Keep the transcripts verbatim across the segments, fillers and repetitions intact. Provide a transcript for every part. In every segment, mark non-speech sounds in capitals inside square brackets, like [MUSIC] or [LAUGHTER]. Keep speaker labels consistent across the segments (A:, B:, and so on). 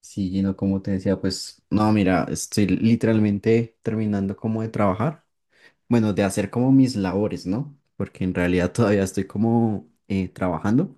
A: Sí, Gino, como te decía, pues no, mira, estoy literalmente terminando como de trabajar, bueno, de hacer como mis labores, ¿no? Porque en realidad [LAUGHS] todavía estoy como eh, trabajando.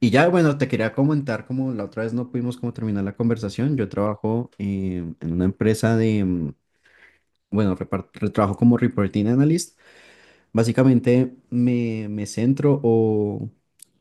A: Y ya, bueno, te quería comentar, como la otra vez no pudimos como terminar la conversación, yo trabajo eh, en una empresa de, mm, bueno, repar- re- trabajo como reporting analyst. Básicamente me, me centro o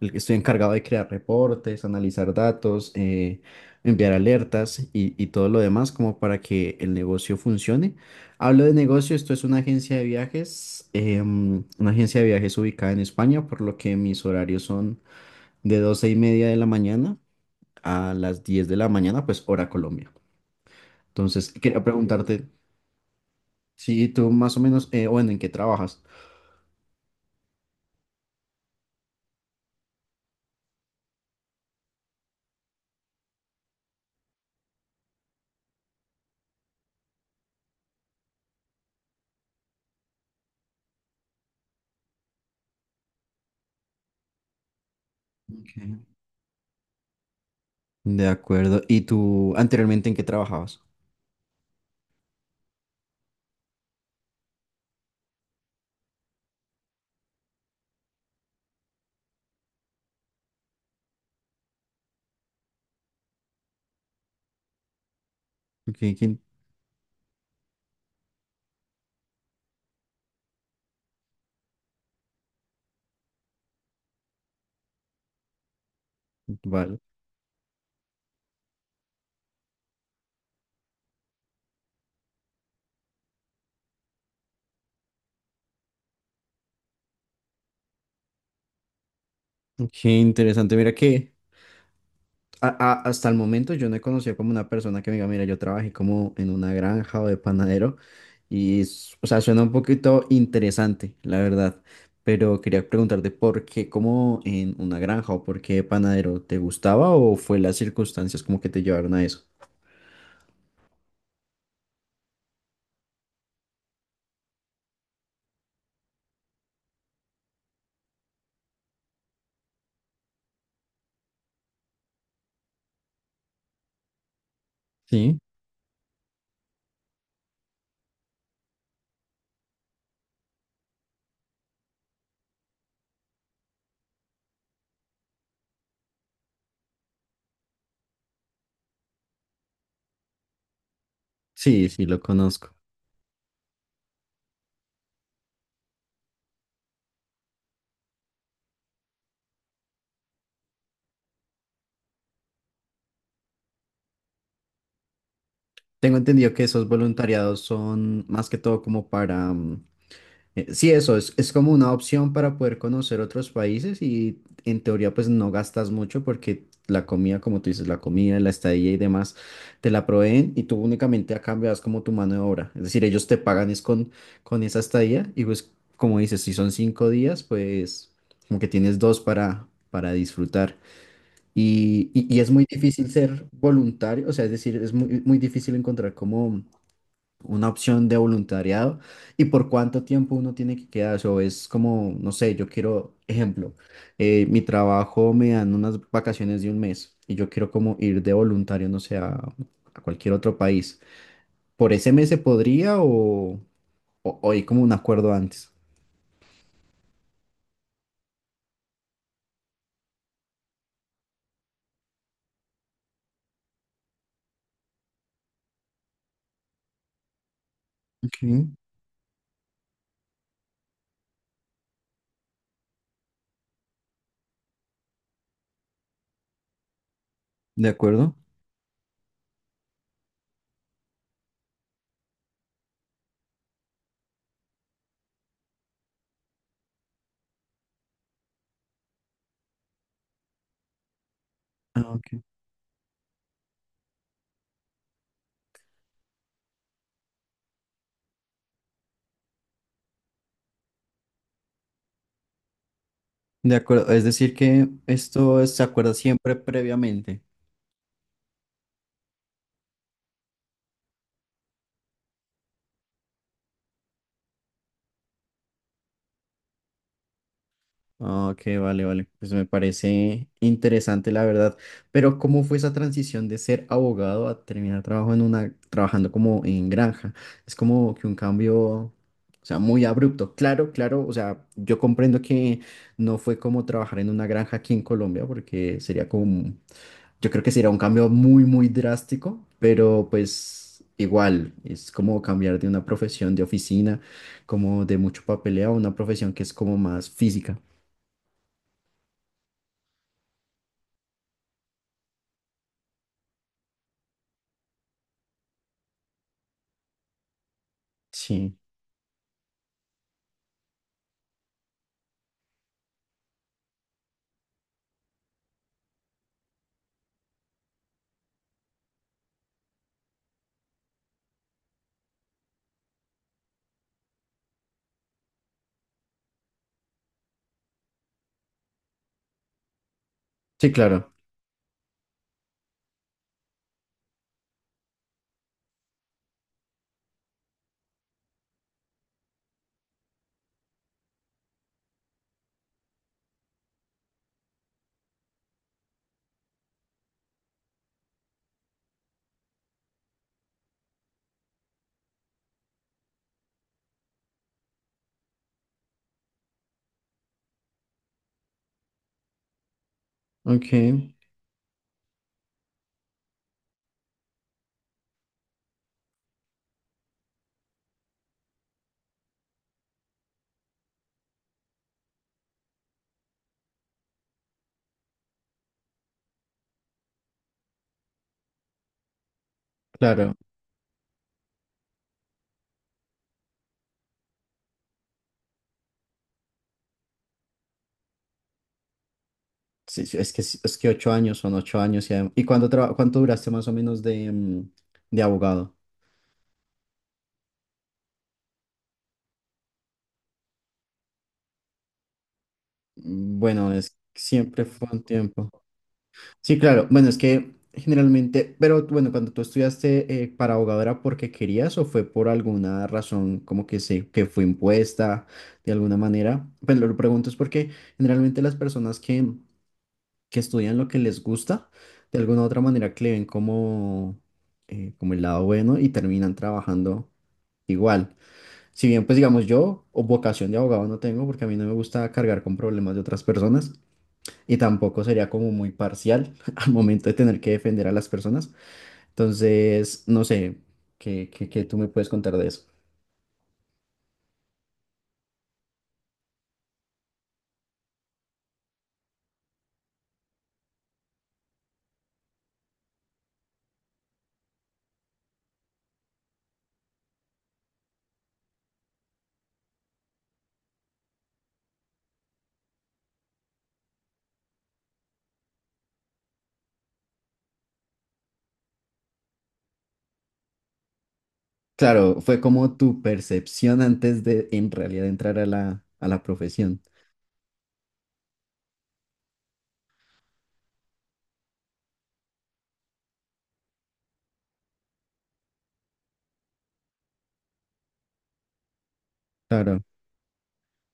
A: el que estoy encargado de crear reportes, analizar datos, eh, enviar alertas y, y todo lo demás como para que el negocio funcione. Hablo de negocio, esto es una agencia de viajes, em, una agencia de viajes ubicada en España, por lo que mis horarios son de doce y media de la mañana a las diez de la mañana, pues hora Colombia. Entonces, quería, Ok. preguntarte si tú más o menos, eh, bueno, ¿en qué trabajas? Ok. De acuerdo. ¿Y tú anteriormente en qué trabajabas? Qué, qué- vale. Qué interesante. Mira que a- a- hasta el momento yo no he conocido como una persona que me diga, mira, yo trabajé como en una granja o de panadero y, s- o sea, suena un poquito interesante, la verdad. Pero quería preguntarte por qué como en una granja o por qué panadero te gustaba o fue las circunstancias como que te llevaron a eso. Sí, sí, sí, lo conozco. Tengo entendido que esos voluntariados son más que todo como para, mm, Eh, sí, eso es, es como una opción para poder conocer otros países y en teoría pues no gastas mucho porque la comida, como tú dices, la comida, la estadía y demás te la proveen y tú únicamente a cambio das como tu mano de obra. Es decir, ellos te pagan es con, con esa estadía y pues como dices, si son cinco días pues como que tienes dos para, para disfrutar. Y, y- y- es muy difícil ser voluntario, o sea, es decir, es muy, muy difícil encontrar como una opción de voluntariado y por cuánto tiempo uno tiene que quedarse. O es como, no sé, yo quiero, ejemplo, eh, mi trabajo me dan unas vacaciones de un mes y yo quiero como ir de voluntario, no sé, a, a cualquier otro país. ¿Por ese mes se podría o, o, o hay como un acuerdo antes? Ok, de acuerdo. Ah, ok. De acuerdo, es decir que esto se acuerda siempre previamente. Ah, ok, vale, vale. Pues me parece interesante, la verdad. Pero ¿cómo fue esa transición de ser abogado a terminar trabajo en una, trabajando como en granja? Es como que un cambio, o sea, muy abrupto. Claro, claro. O sea, yo comprendo que no fue como trabajar en una granja aquí en Colombia, porque sería como, yo creo que sería un cambio muy, muy drástico, pero pues igual, es como cambiar de una profesión de oficina, como de mucho papeleo, a una profesión que es como más física. Sí, sí, claro. Ok, claro. Sí, sí, es que, sí, es que ocho años son ocho años. ¿Y, adem- ¿y cuánto, traba- cuánto duraste más o menos de, mm, de abogado? Mm, Bueno, es siempre fue un tiempo. Sí, claro. Bueno, es que generalmente, pero bueno, cuando tú estudiaste eh, para abogado era porque querías o fue por alguna razón como que se, que fue impuesta de alguna manera. Pero lo pregunto es porque generalmente las personas que que estudian lo que les gusta, de alguna u otra manera que le ven como, eh, como el lado bueno y terminan trabajando igual. Si bien, pues digamos, yo o vocación de abogado no tengo porque a mí no me gusta cargar con problemas de otras personas y tampoco sería como muy parcial [LAUGHS] al momento de tener que defender a las personas. Entonces, no sé, ¿qué, qué, ¿qué tú me puedes contar de eso? Claro, fue como tu percepción antes de en realidad entrar a la, a la profesión. Claro.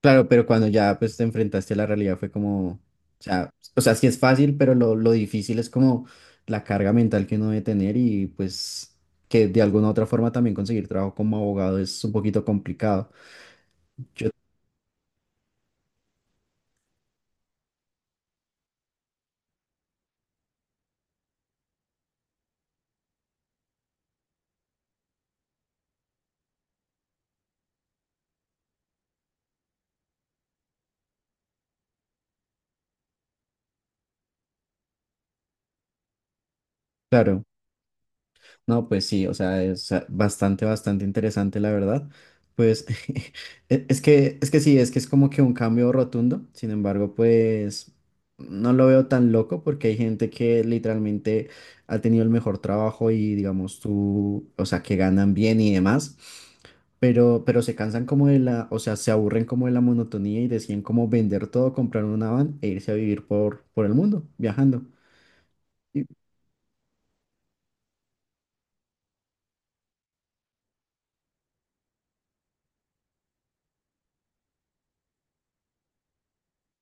A: Claro, pero cuando ya pues te enfrentaste a la realidad fue como, o sea, o sea, sí es fácil, pero lo, lo difícil es como la carga mental que uno debe tener y pues que de alguna u otra forma también conseguir trabajo como abogado es un poquito complicado. Claro. No, pues sí, o sea, es ah, bastante, bastante interesante, la verdad. Pues [LAUGHS] e- es que, es que sí, es que es como que un cambio rotundo. Sin embargo, pues no lo veo tan loco porque hay gente que literalmente ha tenido el mejor trabajo y digamos tú, o sea, que ganan bien y demás, pero, pero se cansan como de la, o sea, se aburren como de la monotonía y deciden como vender todo, comprar una van e irse a vivir por, por el mundo, viajando. Y,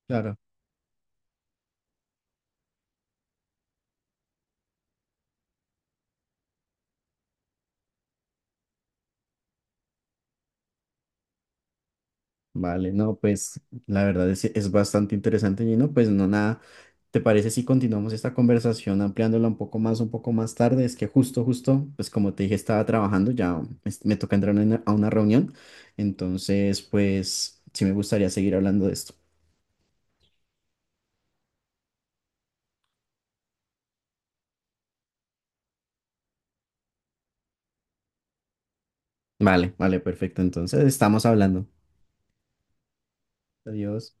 A: claro. Vale, no, pues la verdad es, es bastante interesante, Gino. Pues no, nada, ¿te parece si continuamos esta conversación ampliándola un poco más, un poco más tarde? Es que justo, justo, pues como te dije, estaba trabajando, ya es- me toca entrar a una, a una reunión, entonces, pues sí me gustaría seguir hablando de esto. Vale, vale, perfecto. Entonces, estamos hablando. Adiós.